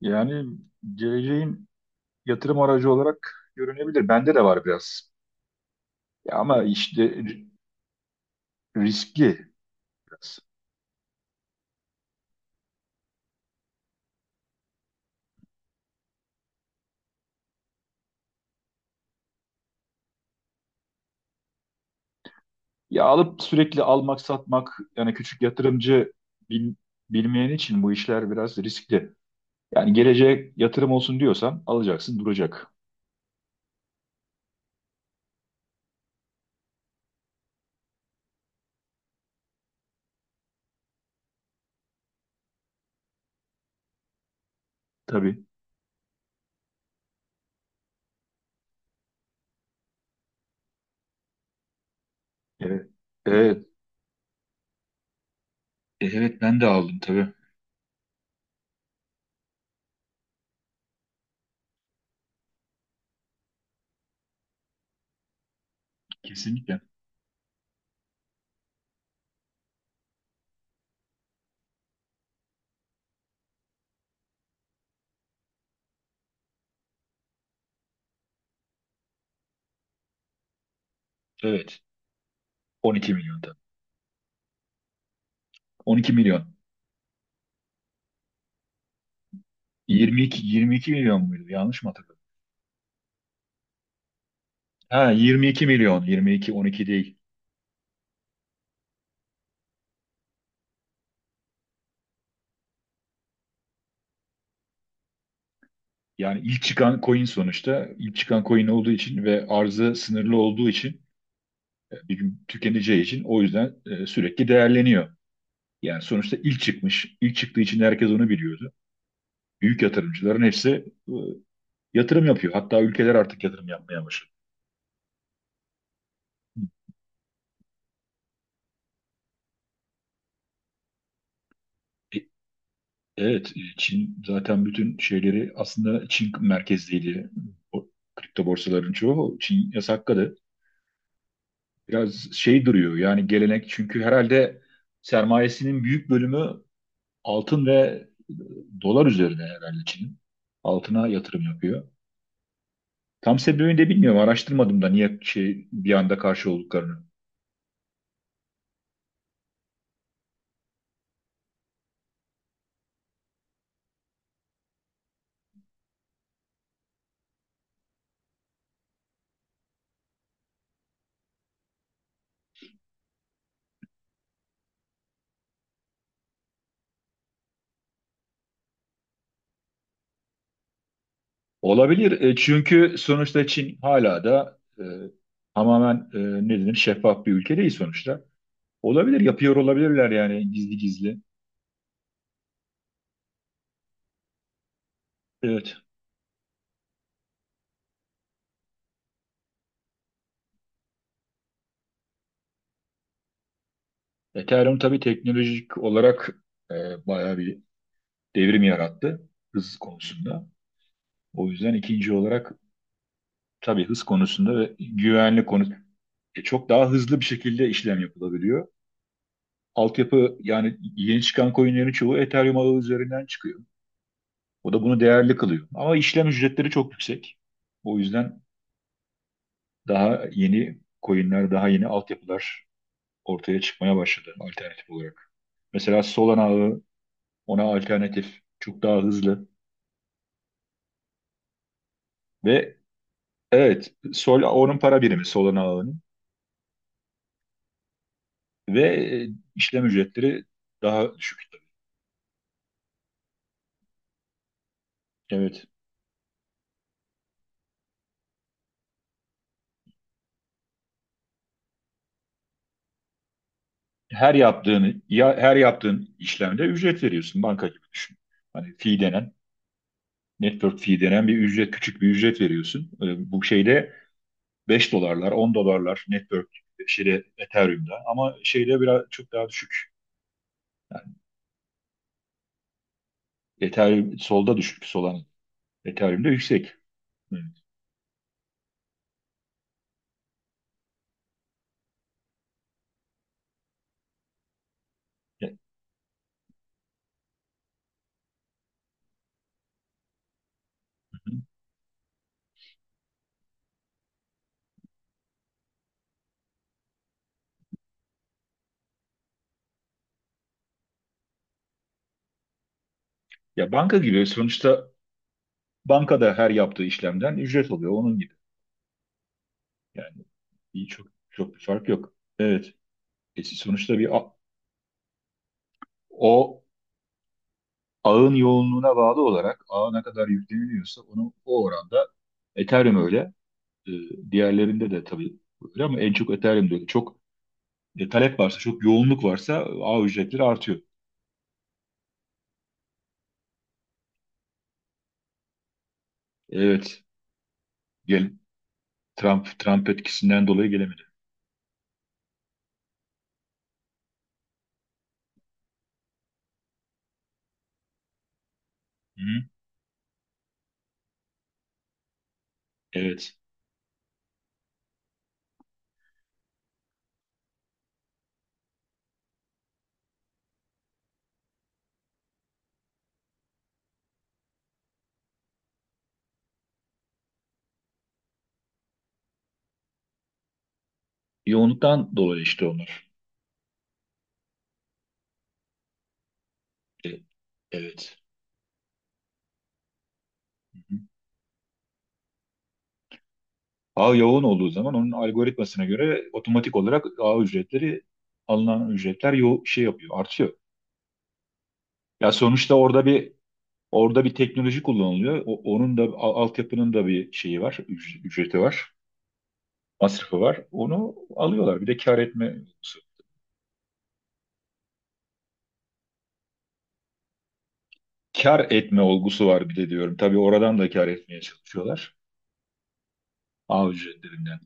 Yani geleceğin yatırım aracı olarak görünebilir. Bende de var biraz. Ya ama işte riskli biraz. Ya alıp sürekli almak satmak yani küçük yatırımcı bil- bilmeyen için bu işler biraz riskli. Yani geleceğe yatırım olsun diyorsan alacaksın duracak. Tabii. Evet. Evet. Evet, ben de aldım tabii. Kesinlikle. Evet. 12 milyonda. 12 milyon. 22 22 milyon muydu? Yanlış mı hatırladım? Ha, 22 milyon. 22, 12 değil. Yani ilk çıkan coin sonuçta ilk çıkan coin olduğu için ve arzı sınırlı olduğu için bir gün tükeneceği için o yüzden sürekli değerleniyor. Yani sonuçta ilk çıkmış, ilk çıktığı için herkes onu biliyordu. Büyük yatırımcıların hepsi yatırım yapıyor. Hatta ülkeler artık yatırım yapmaya başladı. E, Evet, Çin zaten bütün şeyleri aslında Çin merkezliydi. O kripto borsaların çoğu Çin yasakladı. Biraz şey duruyor yani gelenek çünkü herhalde sermayesinin büyük bölümü altın ve dolar üzerine herhalde Çin'in. Altına yatırım yapıyor. Tam sebebini de bilmiyorum. Araştırmadım da niye şey bir anda karşı olduklarını. Olabilir. Çünkü sonuçta Çin hala da tamamen ne denir şeffaf bir ülke değil sonuçta. Olabilir. Yapıyor olabilirler yani gizli gizli. Evet. Ethereum tabii teknolojik olarak e, bayağı bir devrim yarattı hız konusunda. O yüzden ikinci olarak tabii hız konusunda ve güvenlik konusunda çok daha hızlı bir şekilde işlem yapılabiliyor. Altyapı yani yeni çıkan coinlerin çoğu Ethereum ağı üzerinden çıkıyor. O da bunu değerli kılıyor. Ama işlem ücretleri çok yüksek. O yüzden daha yeni coinler, daha yeni altyapılar ortaya çıkmaya başladı alternatif olarak. Mesela Solana ağı ona alternatif, çok daha hızlı ve evet, Sol onun para birimi Solana ağının ve e, işlem ücretleri daha düşük. Evet. Her yaptığın işlemde ücret veriyorsun, banka gibi düşün. Hani fee denen, network fee denen bir ücret küçük bir ücret veriyorsun. Bu şeyde 5 dolarlar 10 dolarlar network şeyde Ethereum'da ama şeyde biraz çok daha düşük. Yani Ethereum solda düşük Solana. Ethereum'da yüksek. Evet. Ya, ya banka gibi sonuçta bankada her yaptığı işlemden ücret alıyor onun gibi. Yani bir çok çok bir fark yok. Evet. Sonuçta o ağın yoğunluğuna bağlı olarak ağa ne kadar yükleniliyorsa onu o oranda Ethereum öyle. e, Diğerlerinde de tabii öyle ama en çok Ethereum'de öyle. Çok talep varsa, çok yoğunluk varsa ağ ücretleri artıyor. Evet. Gel, Trump etkisinden dolayı gelemedi. Hı-hı. Evet. Yoğunluktan dolayı işte onlar. E, Evet. Hı-hı. Ağ yoğun olduğu zaman onun algoritmasına göre otomatik olarak ağ ücretleri, alınan ücretler şey yapıyor, artıyor. Ya sonuçta orada bir teknoloji kullanılıyor. Onun da altyapının da bir şeyi var, ücreti var, masrafı var. Onu alıyorlar. Bir de kar etme olgusu var bir de diyorum. Tabii oradan da kar etmeye çalışıyorlar. Ağ ücretlerinden.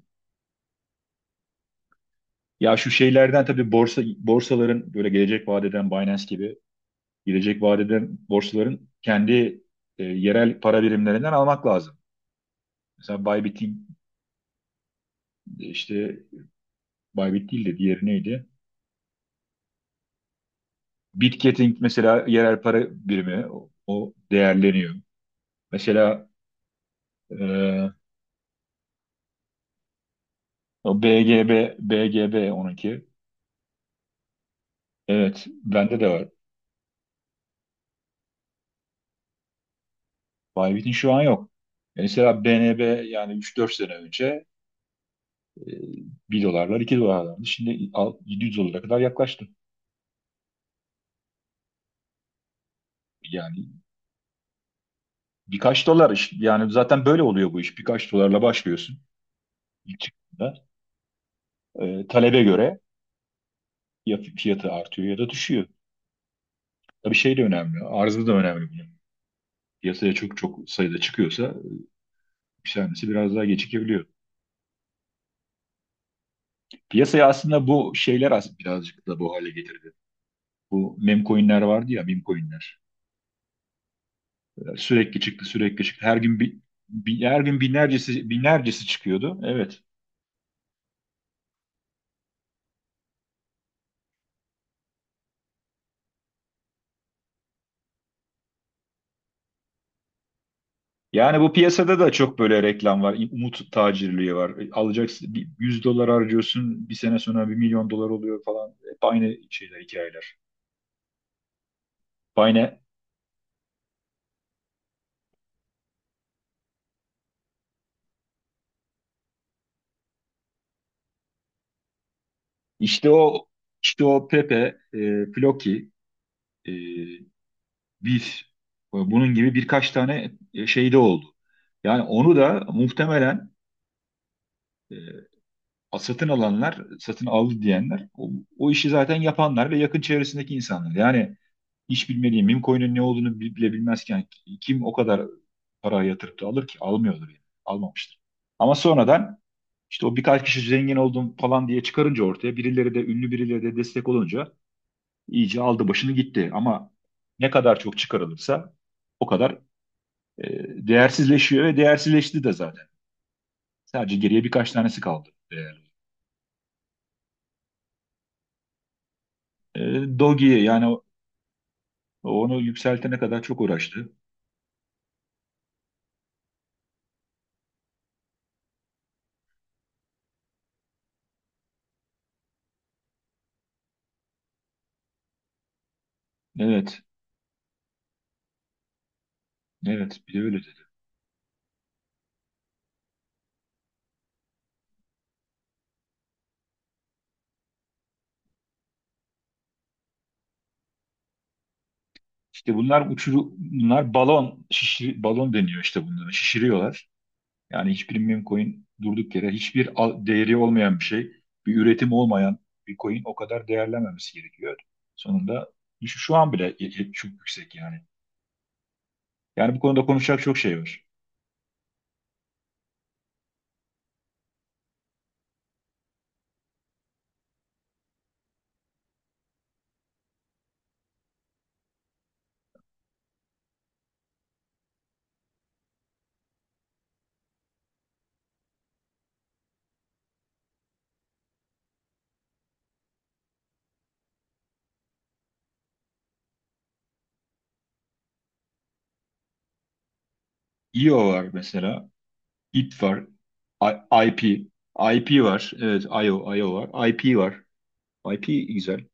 Ya şu şeylerden tabii borsaların, böyle gelecek vadeden, Binance gibi gelecek vadeden borsaların kendi yerel para birimlerinden almak lazım. Mesela Bybit'in işte Bybit değil de diğeri neydi? Bitgetting mesela, yerel para birimi o değerleniyor. Mesela e, o BGB onunki. Evet, bende de var. Bybit'in şu an yok. Mesela BNB yani üç dört sene önce e, 1 dolarlar 2 dolarlardı. Şimdi 700 dolara kadar yaklaştı. Yani birkaç dolar yani zaten böyle oluyor bu iş. Birkaç dolarla başlıyorsun ilk çıktığında. Talebe göre ya fiyatı artıyor ya da düşüyor. Tabii şey de önemli. Arzı da önemli, piyasaya çok çok sayıda çıkıyorsa yükselmesi biraz daha gecikebiliyor. Piyasaya aslında bu şeyler birazcık da bu hale getirdi. Bu meme coinler vardı ya, meme coinler. Sürekli çıktı sürekli çıktı. Her gün her gün binlercesi binlercesi çıkıyordu. Evet. Yani bu piyasada da çok böyle reklam var. Umut tacirliği var. Alacaksın, bir 100 dolar harcıyorsun. Bir sene sonra 1 milyon dolar oluyor falan. Hep aynı şeyler, hikayeler. Aynı. İşte o Pepe, Floki, e, bir bunun gibi birkaç tane şey de oldu. Yani onu da muhtemelen e, satın alanlar, satın aldı diyenler o işi zaten yapanlar ve yakın çevresindeki insanlar. Yani hiç bilmediği meme coin'in ne olduğunu bile bilmezken kim o kadar para yatırıp da alır ki? Almıyordur yani. Almamıştır. Ama sonradan işte o birkaç kişi zengin oldum falan diye çıkarınca ortaya, birileri de, ünlü birileri de destek olunca iyice aldı başını gitti. Ama ne kadar çok çıkarılırsa o kadar E, değersizleşiyor ve değersizleşti de zaten. Sadece geriye birkaç tanesi kaldı değerli. E, Dogi'ye yani onu yükseltene kadar çok uğraştı. Evet, evet bir de öyle dedi. İşte bunlar uçuru, bunlar balon, şişir, balon deniyor işte bunlara. Şişiriyorlar. Yani hiçbir meme coin durduk yere, hiçbir değeri olmayan bir şey, bir üretim olmayan bir coin o kadar değerlenmemesi gerekiyor. Sonunda şu an bile çok yüksek yani. Yani bu konuda konuşacak çok şey var. IO var mesela. IP var. I- IP. IP var. Evet, IO var. IP var. IP güzel.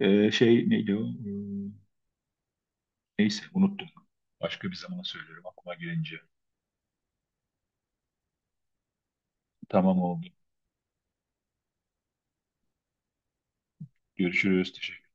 Şey neydi o? Neyse unuttum. Başka bir zaman söylerim aklıma gelince. Tamam oldu. Görüşürüz. Teşekkür